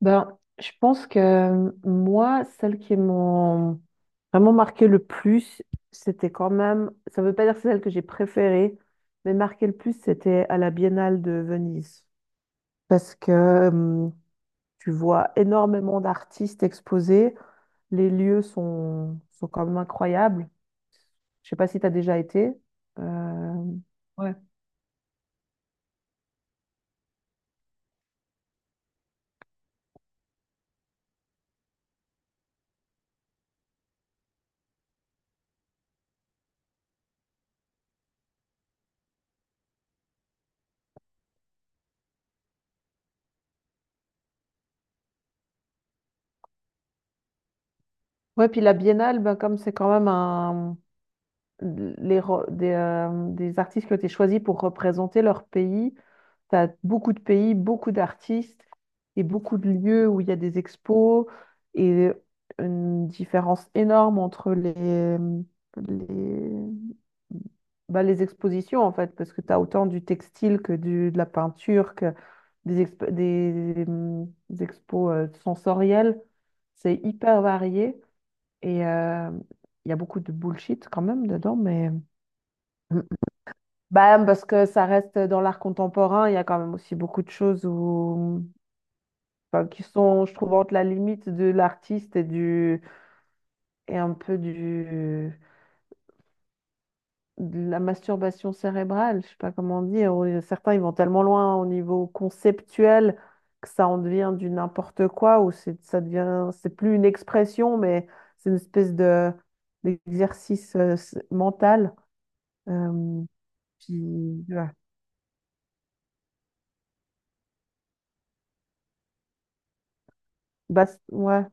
Je pense que moi, celles qui m'ont vraiment marqué le plus, c'était quand même, ça veut pas dire que c'est celle que j'ai préférée, mais marqué le plus, c'était à la Biennale de Venise. Parce que tu vois énormément d'artistes exposés, les lieux sont, quand même incroyables. Je sais pas si tu as déjà été. Euh, Ouais. Ouais, puis la Biennale, ben, comme c'est quand même un, des artistes qui ont été choisis pour représenter leur pays. Tu as beaucoup de pays, beaucoup d'artistes et beaucoup de lieux où il y a des expos et une différence énorme entre les, bah, les expositions en fait, parce que tu as autant du textile que de la peinture, que des expos sensorielles. C'est hyper varié et il y a beaucoup de bullshit quand même dedans, mais bah, parce que ça reste dans l'art contemporain, il y a quand même aussi beaucoup de choses où, enfin, qui sont, je trouve, entre la limite de l'artiste et un peu de la masturbation cérébrale, je sais pas comment dire. Ou certains, ils vont tellement loin au niveau conceptuel que ça en devient du n'importe quoi, ou c'est, ça devient, c'est plus une expression, mais c'est une espèce de, d'exercice mental. euh, ouais. Bah, ouais.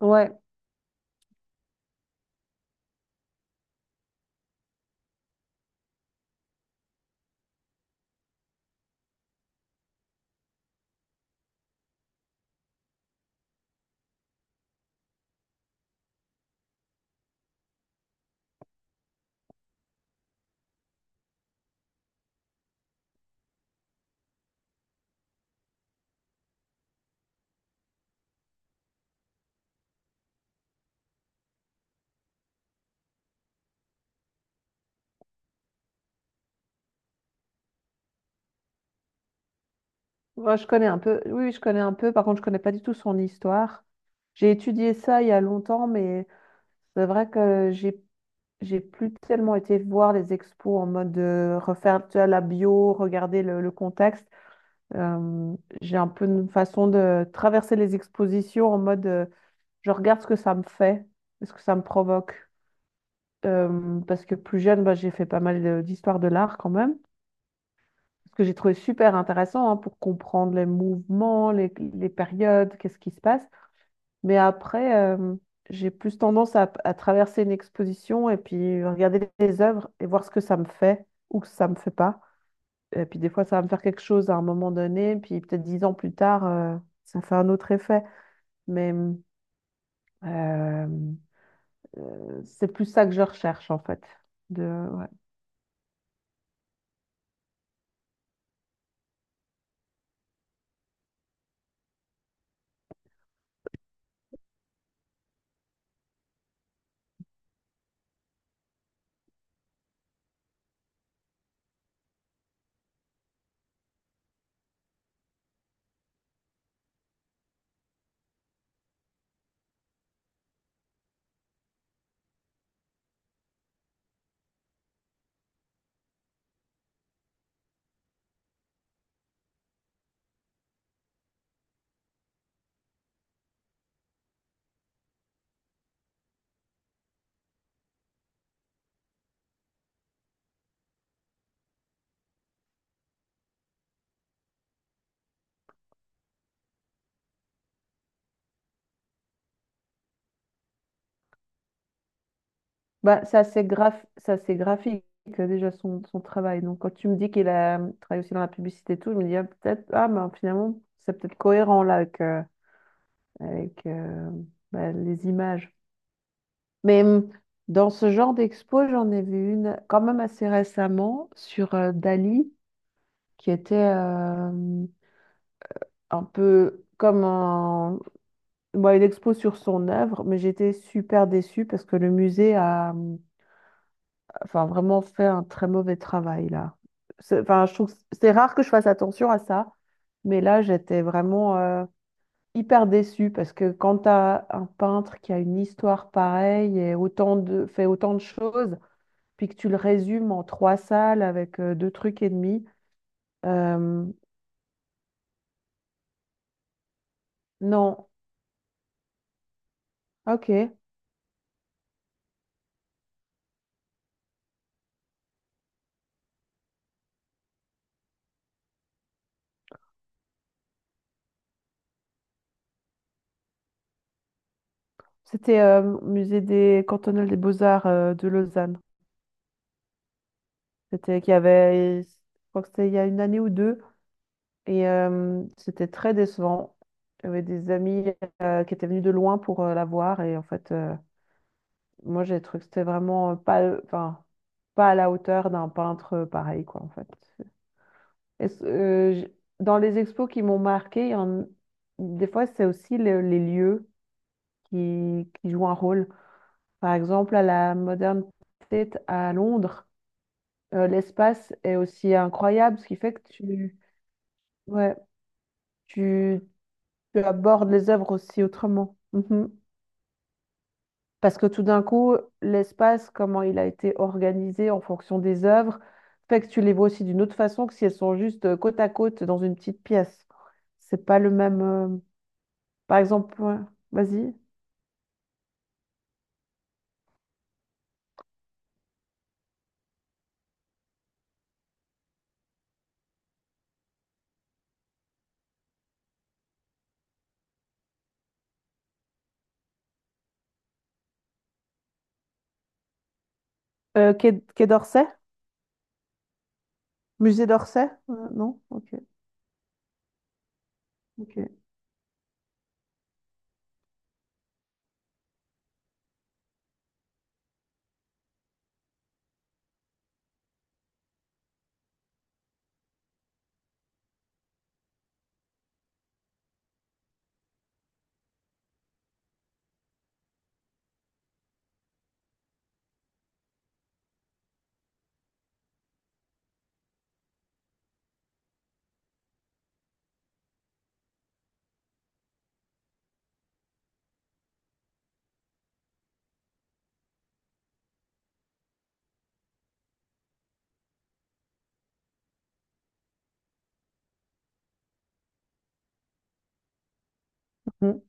Ouais, moi, je connais un peu. Oui, oui, je connais un peu. Par contre, je connais pas du tout son histoire. J'ai étudié ça il y a longtemps, mais c'est vrai que j'ai plus tellement été voir les expos en mode de refaire tu vois, la bio, regarder le contexte. Euh, j'ai un peu une façon de traverser les expositions en mode je regarde ce que ça me fait, ce que ça me provoque. Parce que plus jeune, bah, j'ai fait pas mal d'histoire de l'art quand même. Ce que j'ai trouvé super intéressant hein, pour comprendre les mouvements, les périodes, qu'est-ce qui se passe. Mais après, j'ai plus tendance à traverser une exposition et puis regarder les œuvres et voir ce que ça me fait ou que ça me fait pas. Et puis des fois, ça va me faire quelque chose à un moment donné, puis peut-être dix ans plus tard, ça fait un autre effet. Mais euh, c'est plus ça que je recherche en fait. De, bah, c'est assez graphique déjà son travail. Donc quand tu me dis qu'il a travaillé aussi dans la publicité et tout, je me dis ah, peut-être, ah ben finalement, c'est peut-être cohérent là avec bah, les images. Mais dans ce genre d'expo, j'en ai vu une quand même assez récemment sur Dali, qui était un peu comme un... bon, une expo sur son œuvre, mais j'étais super déçue parce que le musée a enfin, vraiment fait un très mauvais travail là. Enfin, je trouve que c'est rare que je fasse attention à ça, mais là, j'étais vraiment hyper déçue parce que quand tu as un peintre qui a une histoire pareille et autant de, fait autant de choses, puis que tu le résumes en trois salles avec deux trucs et demi, euh, non, ok. C'était musée des cantonal des beaux-arts de Lausanne. C'était qu'il y avait, je crois que c'était il y a une année ou deux. Et c'était très décevant. J'avais des amis qui étaient venus de loin pour la voir. Et en fait, moi, j'ai trouvé que c'était vraiment pas, enfin, pas à la hauteur d'un peintre pareil, quoi, en fait. Est-ce- euh, j- dans les expos qui m'ont marqué, des fois, c'est aussi les lieux qui jouent un rôle. Par exemple, à la Modern Tate à Londres, l'espace est aussi incroyable, ce qui fait que ouais, tu, tu abordes les œuvres aussi autrement. Mhm. Parce que tout d'un coup, l'espace, comment il a été organisé en fonction des œuvres, fait que tu les vois aussi d'une autre façon que si elles sont juste côte à côte dans une petite pièce. C'est pas le même. Par exemple, ouais, vas-y. Quai d'Orsay? Musée d'Orsay? Non? Ok. Ok. Mhm.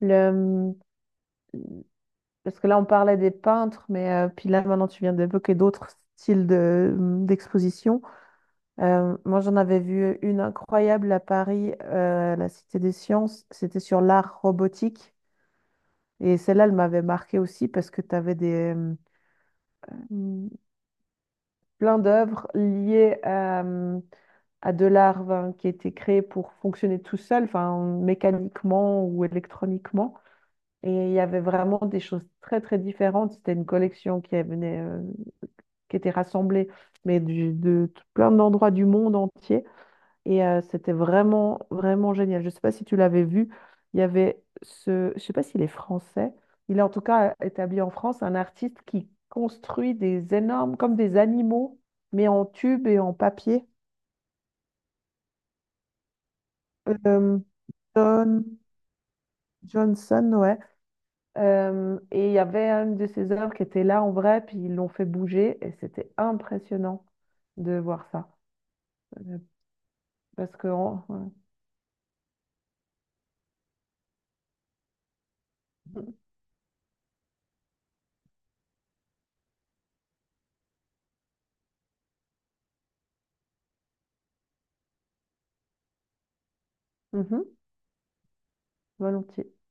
Le- Parce que là, on parlait des peintres, mais puis là, maintenant, tu viens d'évoquer d'autres styles de, d'exposition. Moi, j'en avais vu une incroyable à Paris, à la Cité des Sciences. C'était sur l'art robotique. Et celle-là, elle m'avait marquée aussi parce que tu avais mm, plein d'œuvres liées à de l'art ben, qui était créé pour fonctionner tout seul, enfin, mécaniquement ou électroniquement. Et il y avait vraiment des choses très, très différentes. C'était une collection qui venait, qui était rassemblée, mais plein d'endroits du monde entier. Et c'était vraiment, vraiment génial. Je ne sais pas si tu l'avais vu. Il y avait ce, je ne sais pas s'il est français. Il est en tout cas établi en France, un artiste qui construit des énormes, comme des animaux, mais en tube et en papier. Euh, John Johnson, ouais. Et il y avait une de ses œuvres qui était là en vrai, puis ils l'ont fait bouger, et c'était impressionnant de voir ça. Euh, ouais. Mhm, volontiers.